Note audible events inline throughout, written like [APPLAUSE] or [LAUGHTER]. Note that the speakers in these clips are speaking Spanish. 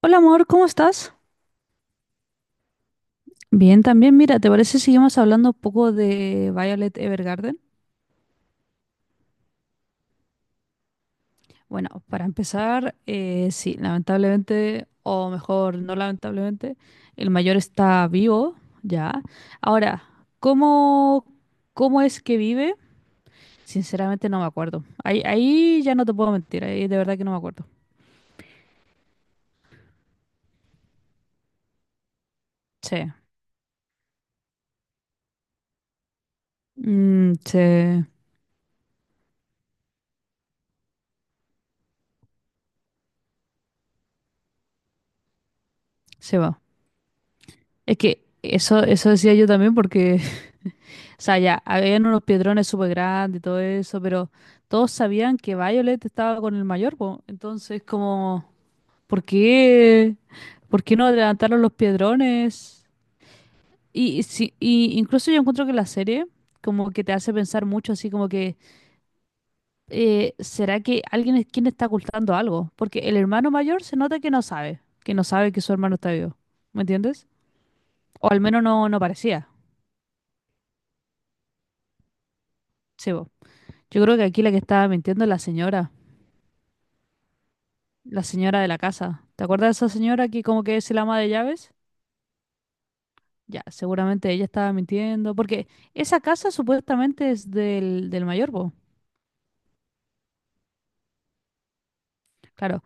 Hola amor, ¿cómo estás? Bien, también, mira, ¿te parece si seguimos hablando un poco de Violet Evergarden? Bueno, para empezar, sí, lamentablemente, o mejor, no lamentablemente, el mayor está vivo, ya. Ahora, ¿cómo, ¿cómo es que vive? Sinceramente no me acuerdo. Ahí ya no te puedo mentir, ahí de verdad que no me acuerdo. Sí. Mm, se, Se va. Es que eso decía yo también porque [LAUGHS] o sea, ya, habían unos piedrones súper grandes y todo eso, pero todos sabían que Violet estaba con el mayor, po. Entonces, como, ¿por qué? ¿Por qué no adelantaron los piedrones? Y si, y incluso yo encuentro que la serie como que te hace pensar mucho, así como que, ¿será que alguien es quien está ocultando algo? Porque el hermano mayor se nota que no sabe, que no sabe que su hermano está vivo, ¿me entiendes? O al menos no parecía, sí, po. Yo creo que aquí la que estaba mintiendo es la señora. La señora de la casa. ¿Te acuerdas de esa señora que como que es el ama de llaves? Ya, seguramente ella estaba mintiendo, porque esa casa supuestamente es del mayor, po. Claro,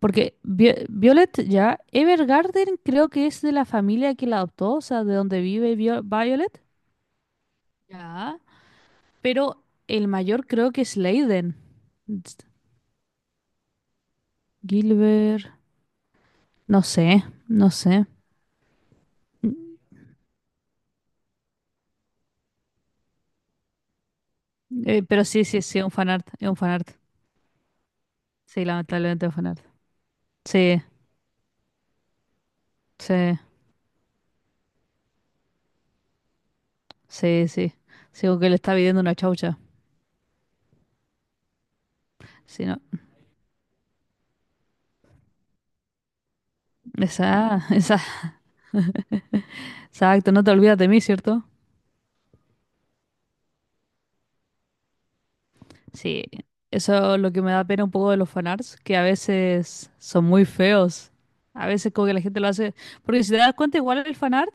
porque Violet ya, Evergarden creo que es de la familia que la adoptó, o sea, de donde vive Violet. Ya. Pero el mayor creo que es Leiden. Ts- Gilbert, no sé. Mm, pero sí, es un fanart, es un fanart. Sí, lamentablemente es un fanart. Sí, sí. Sí, sí. Sigo que le está pidiendo una chaucha. Sí, no. Esa, [LAUGHS] esa, Exacto, no te olvidas de mí, ¿cierto? Sí. Eso es lo que me da pena un poco de los fanarts, que a veces son muy feos. A veces como que la gente lo hace. Porque si te das cuenta, igual el fanart,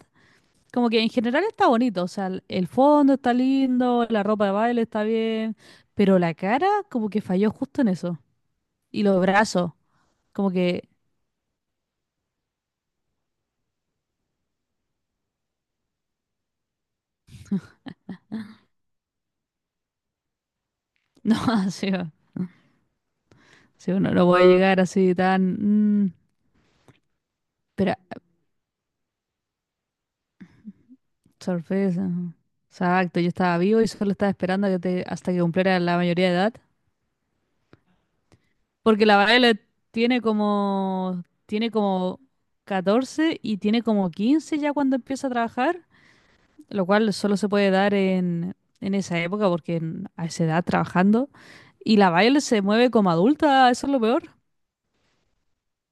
como que en general está bonito. O sea, el fondo está lindo, la ropa de baile está bien. Pero la cara, como que falló justo en eso. Y los brazos, como que. [LAUGHS] No, sí, no, sí, uno no puede llegar así tan. Pero sorpresa. Exacto, yo estaba vivo y solo estaba esperando a que te, hasta que cumpliera la mayoría de edad. Porque la Violet tiene como 14 y tiene como 15 ya cuando empieza a trabajar, lo cual solo se puede dar en esa época porque a esa edad trabajando. Y la Violet se mueve como adulta, eso es lo peor.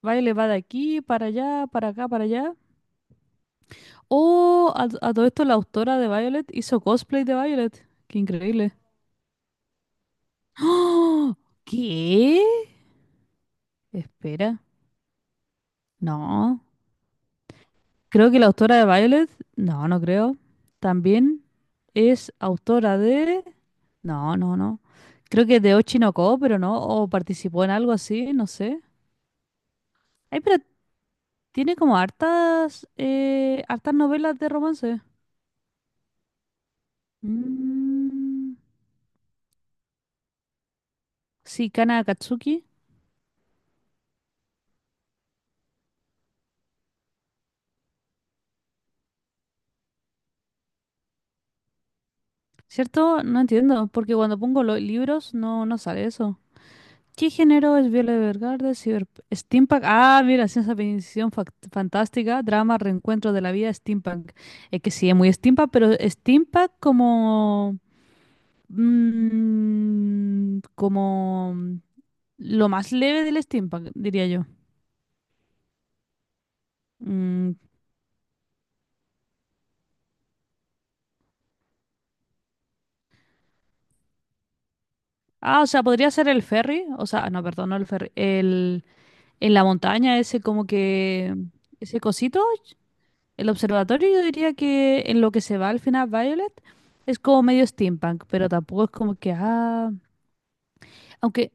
Violet va de aquí para allá, para acá, para allá. Oh, a todo esto la autora de Violet hizo cosplay de Violet. Qué increíble. [GASPS] ¡Ah! ¿Qué? Espera. No. Creo que la autora de Violet. No, no creo. También es autora de. No, no, no. Creo que de Ochi no Ko, pero no. O participó en algo así, no sé. Ay, pero tiene como hartas. Hartas novelas de romance. Mm, sí, Kana Akatsuki. ¿Cierto? No entiendo. Porque cuando pongo los libros no sale eso. ¿Qué género es Viola Evergarden? Cyber... Steampunk. Ah, mira, ciencia ficción fantástica, drama, reencuentro de la vida, steampunk. Es que sí, es muy steampunk, pero steampunk como... mm, como... Lo más leve del steampunk, diría yo. Mm, Ah, o sea, podría ser el ferry. O sea, no, perdón, no el ferry. El... En la montaña, ese como que... Ese cosito. El observatorio yo diría que en lo que se va al final Violet es como medio steampunk, pero tampoco es como que, ah, aunque,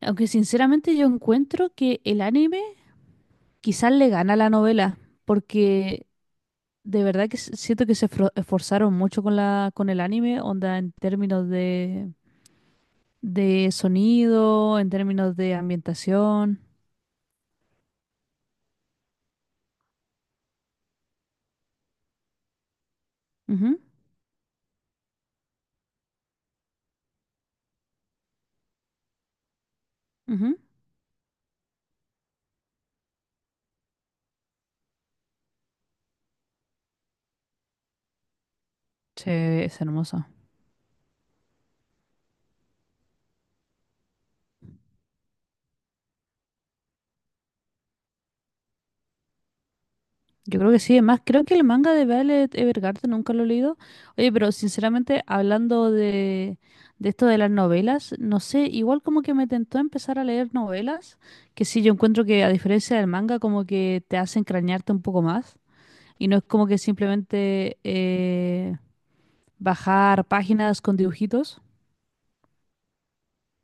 aunque sinceramente yo encuentro que el anime quizás le gana a la novela, porque de verdad que siento que se esforzaron mucho con la, con el anime, onda en términos de sonido, en términos de ambientación. Ujú, ujú. Sí, es hermoso. Yo creo que sí, además creo que el manga de Violet Evergarden nunca lo he leído. Oye, pero sinceramente, hablando de esto de las novelas, no sé, igual como que me tentó empezar a leer novelas, que sí, yo encuentro que a diferencia del manga, como que te hace crañarte un poco más. Y no es como que simplemente bajar páginas con dibujitos.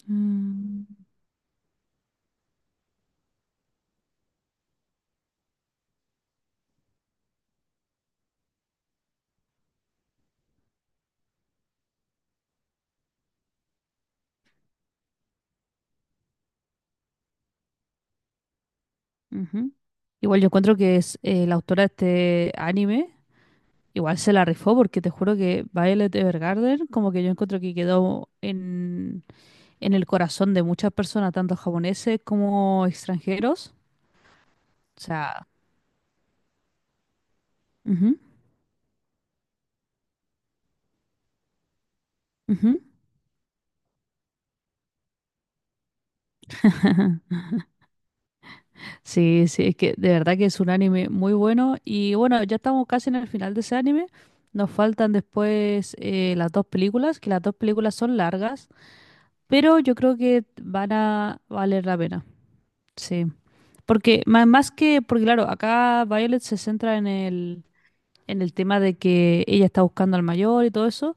Mm, Ujú. Igual yo encuentro que es la autora de este anime. Igual se la rifó porque te juro que Violet Evergarden, como que yo encuentro que quedó en el corazón de muchas personas, tanto japoneses como extranjeros. O sea, ujú, ujú, ajá. Sí, sí, es que de verdad que es un anime muy bueno. Y bueno, ya estamos casi en el final de ese anime. Nos faltan después las dos películas, que las dos películas son largas, pero yo creo que van a valer la pena. Sí. Porque más que, porque claro, acá Violet se centra en el tema de que ella está buscando al mayor y todo eso.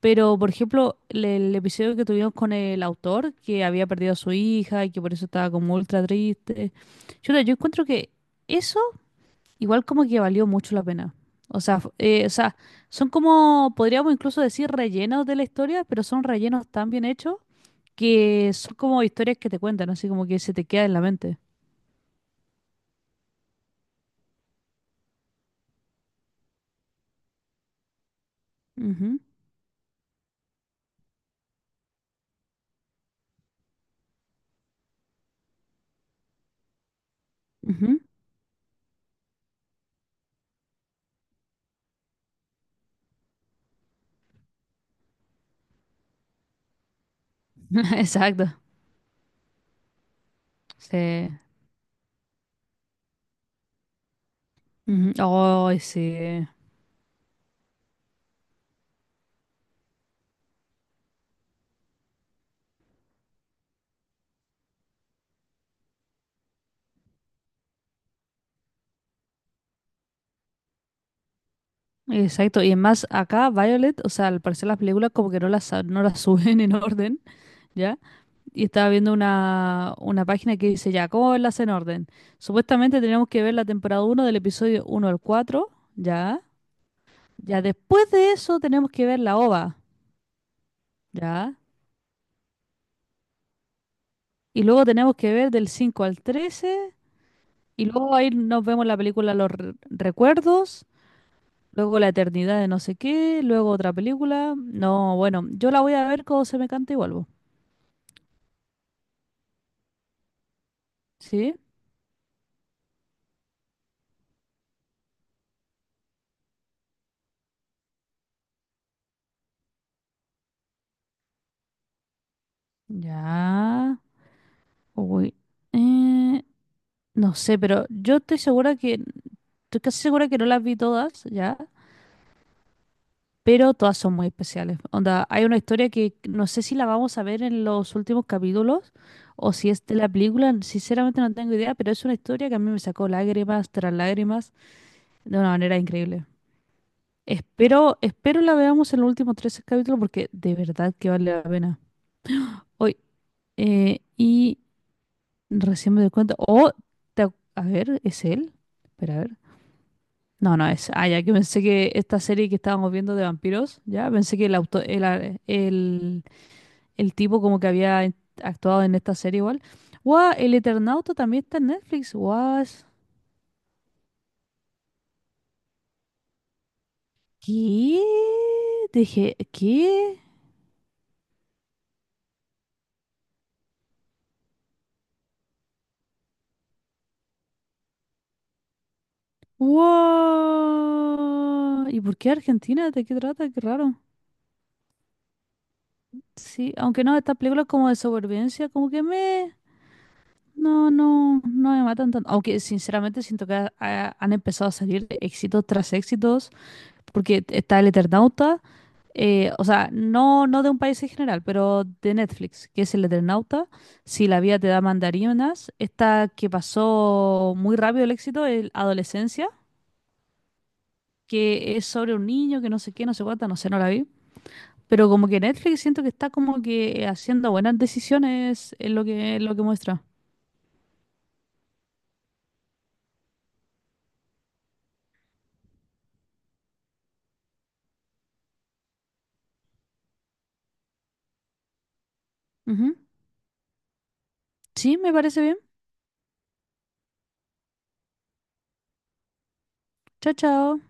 Pero, por ejemplo, episodio que tuvimos con el autor, que había perdido a su hija y que por eso estaba como ultra triste. Yo encuentro que eso igual como que valió mucho la pena. O sea, o sea, son como, podríamos incluso decir, rellenos de la historia, pero son rellenos tan bien hechos que son como historias que te cuentan, así como que se te queda en la mente. Ujú, ujú. [LAUGHS] Exacto. Sí. Ujú. Ay, sí. Exacto, y más acá Violet, o sea, al parecer las películas como que no las, no las [LAUGHS] suben en orden, ¿ya? Y estaba viendo una página que dice, ya, ¿cómo verlas en orden? Supuestamente tenemos que ver la temporada uno del episodio uno al 4, ¿ya? Ya después de eso tenemos que ver la OVA, ¿ya? Y luego tenemos que ver del 5 al 13, y luego ahí nos vemos la película Los Recuerdos, luego La Eternidad de no sé qué, luego otra película. No, bueno, yo la voy a ver cuando se me cante y vuelvo, ¿sí? Ya. Uy. Eh, no sé, pero yo estoy segura que, estoy casi segura que no las vi todas, ¿ya? Pero todas son muy especiales. Onda, hay una historia que no sé si la vamos a ver en los últimos capítulos o si es de la película, sinceramente no tengo idea, pero es una historia que a mí me sacó lágrimas tras lágrimas de una manera increíble. Espero, espero la veamos en los últimos 13 capítulos porque de verdad que vale la pena. Hoy, eh, y recién me doy cuenta. Oh, te a ver, ¿es él? Espera, a ver. No, no es. Ah, ya que pensé que esta serie que estábamos viendo de vampiros, ya pensé que el auto, el, a- el, el tipo como que actuado en esta serie igual. Guau, el Eternauta también está en Netflix. Guau. ¿Qué? Dije, ¿qué? Guau. ¿Y por qué Argentina? ¿De qué trata? Qué raro. Sí, aunque no, esta película es como de supervivencia, como que me. No, no, no me matan tanto. Aunque sinceramente siento que han empezado a salir éxitos tras éxitos, porque está el Eternauta, o sea, no de un país en general, pero de Netflix, que es el Eternauta, Si la vida te da mandarinas, esta que pasó muy rápido el éxito, el Adolescencia, que es sobre un niño que no sé qué, no sé cuánta, no sé, no la vi. Pero como que Netflix siento que está como que haciendo buenas decisiones en lo que muestra. Ujú. Sí, me parece bien. Chao, chao.